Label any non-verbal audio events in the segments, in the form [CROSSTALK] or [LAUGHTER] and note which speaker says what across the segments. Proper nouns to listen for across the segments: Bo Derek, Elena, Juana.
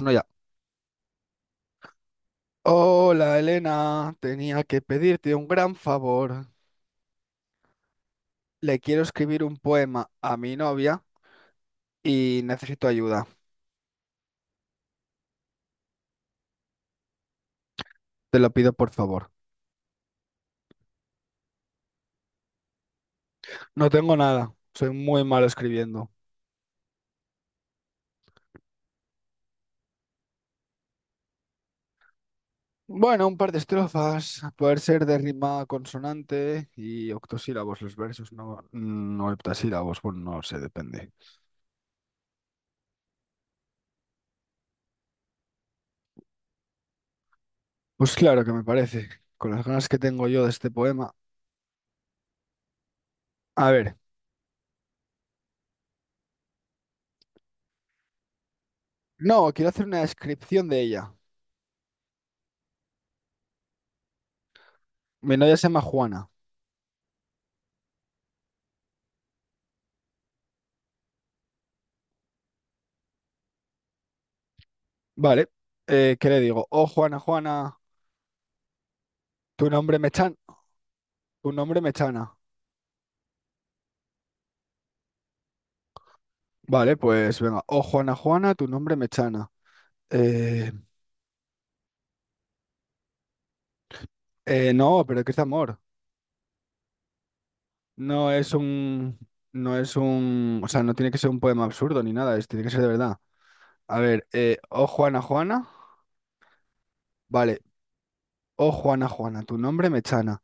Speaker 1: Uno ya. Hola Elena, tenía que pedirte un gran favor. Le quiero escribir un poema a mi novia y necesito ayuda. Te lo pido por favor. No tengo nada, soy muy malo escribiendo. Bueno, un par de estrofas, a poder ser de rima consonante y octosílabos los versos, no, no heptasílabos, bueno, no sé, depende. Pues claro que me parece, con las ganas que tengo yo de este poema. A ver, no, quiero hacer una descripción de ella. Mi novia se llama Juana. Vale. ¿Qué le digo? Oh, Juana, Juana, tu nombre me chan, tu nombre me chana. Vale, pues venga. Oh, Juana, Juana, tu nombre me chana. Eh, no, pero ¿qué es amor? No es un, no es un, O sea, no tiene que ser un poema absurdo ni nada, es, tiene que ser de verdad. A ver, oh, Juana, Juana, vale. Oh, Juana, Juana, tu nombre me chana.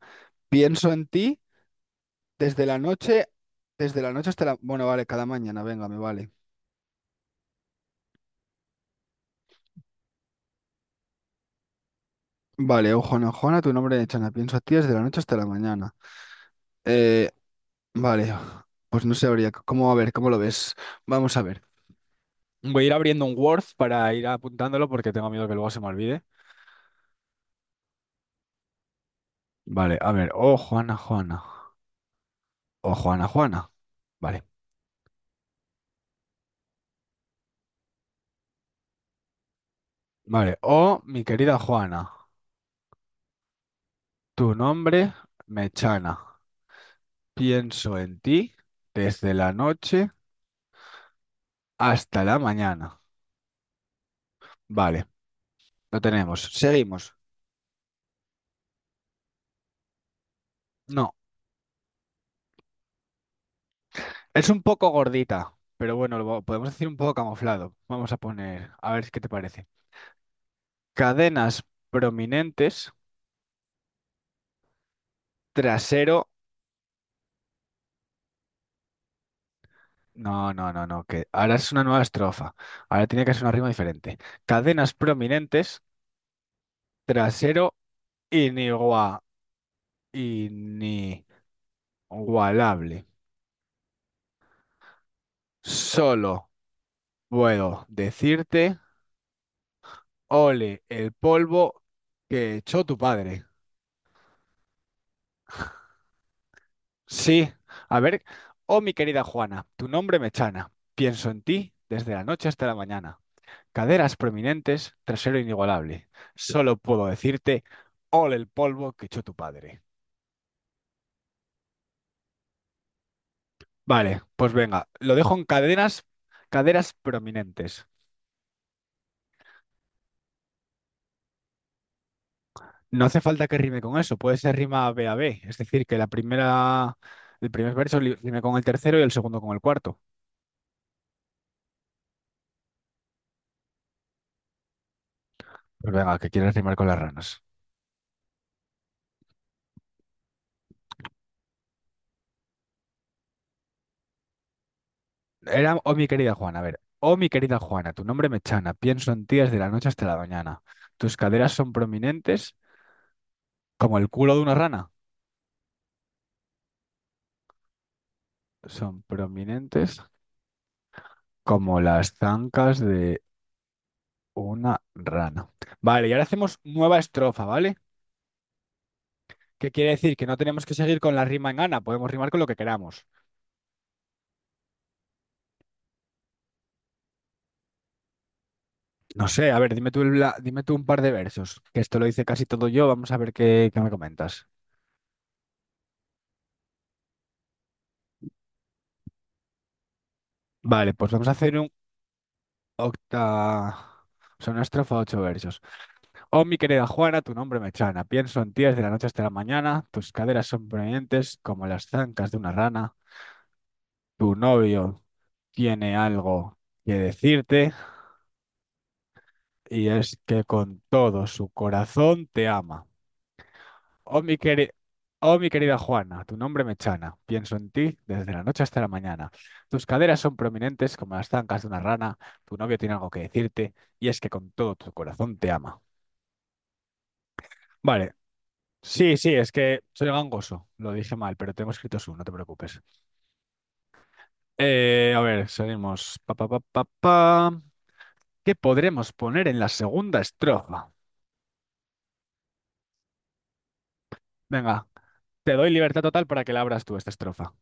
Speaker 1: Pienso en ti desde la noche, desde la noche hasta la, bueno, vale, cada mañana, venga, me vale. Vale, oh, Juana, Juana, tu nombre me chana. Pienso en ti desde la noche hasta la mañana. Eh, vale, pues no sabría cómo, a ver, ¿cómo lo ves? Vamos a ver. Voy a ir abriendo un Word para ir apuntándolo porque tengo miedo que luego se me olvide. Vale, a ver. Oh, Juana, Juana. O Juana, Juana. Vale, vale. Oh, mi querida Juana. Tu nombre me chana. Pienso en ti desde la noche hasta la mañana. Vale, lo tenemos. Seguimos. No, es un poco gordita, pero bueno, lo podemos decir un poco camuflado. Vamos a poner, a ver qué te parece. Cadenas prominentes, trasero. No, no, no, no, que ahora es una nueva estrofa. Ahora tiene que ser una rima diferente. Cadenas prominentes, trasero inigua- inigualable. Solo puedo decirte, ole el polvo que echó tu padre. Sí, a ver, oh mi querida Juana, tu nombre me chana. Pienso en ti desde la noche hasta la mañana. Caderas prominentes, trasero inigualable. Solo puedo decirte, ole el polvo que echó tu padre. Vale, pues venga, lo dejo en caderas, caderas prominentes. No hace falta que rime con eso, puede ser rima B a B, es decir, el primer verso rime con el tercero y el segundo con el cuarto. Pues venga, que quieres rimar con las ranas. Era, oh mi querida Juana, a ver, oh mi querida Juana, tu nombre me chana, pienso en ti desde la noche hasta la mañana. Tus caderas son prominentes como el culo de una rana. Son prominentes, como las zancas de una rana. Vale, y ahora hacemos nueva estrofa, ¿vale? ¿Qué quiere decir? Que no tenemos que seguir con la rima en ana, podemos rimar con lo que queramos. No sé, a ver, dime tú, dime tú un par de versos, que esto lo hice casi todo yo, vamos a ver qué me comentas. Vale, pues vamos a hacer un octa... O sea, una estrofa, ocho versos. Oh, mi querida Juana, tu nombre me chana. Pienso en ti desde la noche hasta la mañana. Tus caderas son prominentes como las zancas de una rana. Tu novio tiene algo que decirte. Y es que con todo su corazón te ama. Oh, mi queri- oh, mi querida Juana, tu nombre me chana. Pienso en ti desde la noche hasta la mañana. Tus caderas son prominentes como las zancas de una rana. Tu novio tiene algo que decirte y es que con todo tu corazón te ama. Vale. Sí, sí, es que soy gangoso. Lo dije mal, pero tengo escrito su, no te preocupes. A ver, seguimos. Pa, pa, pa, pa, pa. ¿Qué podremos poner en la segunda estrofa? Venga, te doy libertad total para que la abras tú esta estrofa.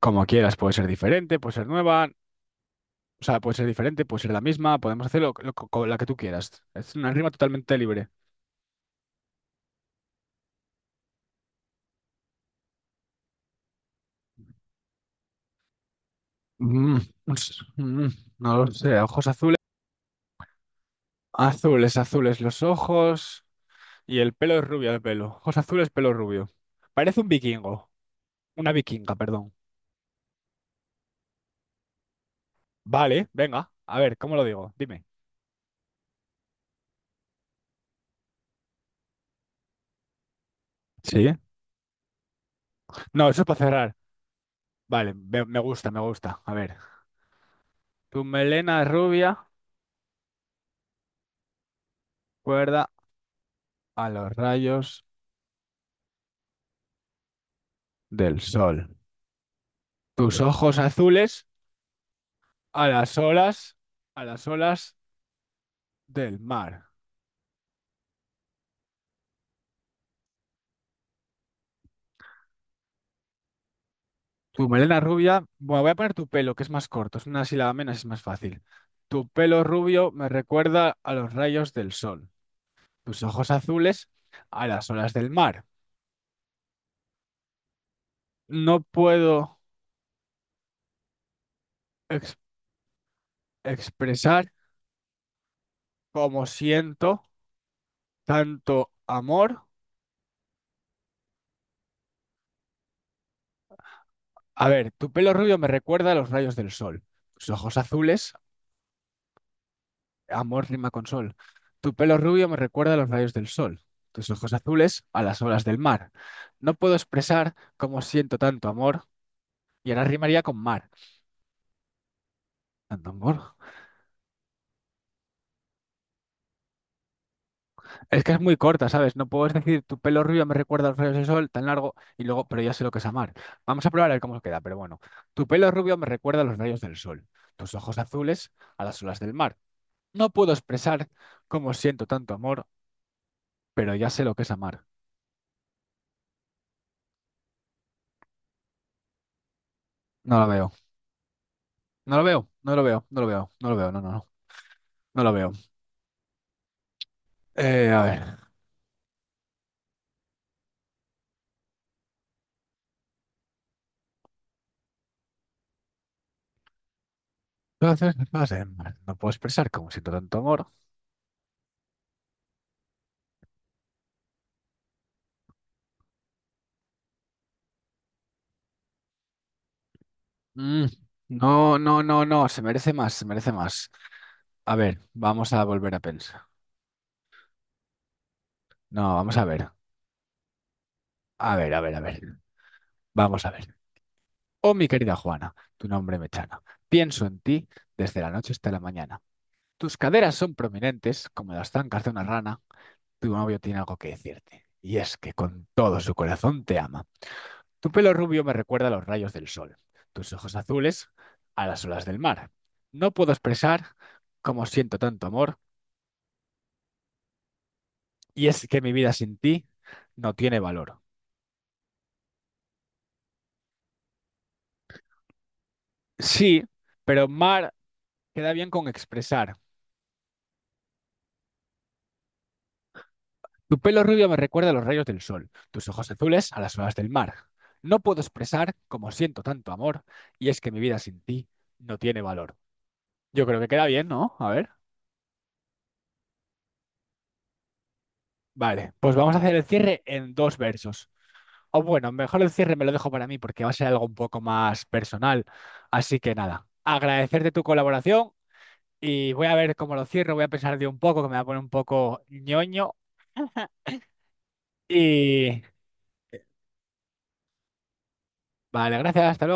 Speaker 1: Como quieras, puede ser diferente, puede ser nueva, o sea, puede ser diferente, puede ser la misma, podemos hacerlo con la que tú quieras. Es una rima totalmente libre. Mm, ups, mm, no lo sé, ojos azules, azules los ojos y el pelo es rubio el pelo. Ojos azules, pelo rubio. Parece un vikingo, una vikinga, perdón. Vale, venga, a ver, ¿cómo lo digo? Dime. Sí. No, eso es para cerrar. Vale, me gusta, me gusta. A ver, tu melena rubia, cuerda a los rayos del sol. Tus ojos azules a las olas, a las olas del mar. Tu melena rubia, bueno, voy a poner tu pelo, que es más corto, es una sílaba menos, es más fácil. Tu pelo rubio me recuerda a los rayos del sol. Tus ojos azules a las olas del mar. No puedo ex- expresar cómo siento tanto amor. A ver, tu pelo rubio me recuerda a los rayos del sol. Tus ojos azules amor rima con sol. Tu pelo rubio me recuerda a los rayos del sol, tus ojos azules a las olas del mar. No puedo expresar cómo siento tanto amor, y ahora rimaría con mar. Tanto amor. Es que es muy corta, ¿sabes? No puedes decir tu pelo rubio me recuerda a los rayos del sol, tan largo, y luego, pero ya sé lo que es amar. Vamos a probar a ver cómo queda, pero bueno. Tu pelo rubio me recuerda a los rayos del sol, tus ojos azules a las olas del mar. No puedo expresar cómo siento tanto amor, pero ya sé lo que es amar. No la veo. No lo veo, no lo veo, no lo veo, no lo veo, no, no, no, no lo veo. A ver. Entonces, no puedo expresar como siento tanto amor. Mm, no, no, no, no, se merece más, se merece más. A ver, vamos a volver a pensar. No, vamos a ver. A ver, a ver, a ver. Vamos a ver. Oh, mi querida Juana, tu nombre me chana. Pienso en ti desde la noche hasta la mañana. Tus caderas son prominentes como las zancas de una rana. Tu novio tiene algo que decirte. Y es que con todo su corazón te ama. Tu pelo rubio me recuerda a los rayos del sol, tus ojos azules a las olas del mar. No puedo expresar cómo siento tanto amor, y es que mi vida sin ti no tiene valor. Sí, pero mar queda bien con expresar. Tu pelo rubio me recuerda a los rayos del sol, tus ojos azules a las olas del mar. No puedo expresar cómo siento tanto amor, y es que mi vida sin ti no tiene valor. Yo creo que queda bien, ¿no? A ver. Vale, pues vamos a hacer el cierre en dos versos. O bueno, mejor el cierre me lo dejo para mí porque va a ser algo un poco más personal. Así que nada, agradecerte tu colaboración y voy a ver cómo lo cierro. Voy a pensar de un poco, que me va a poner un poco ñoño. [LAUGHS] Y vale, gracias, hasta luego.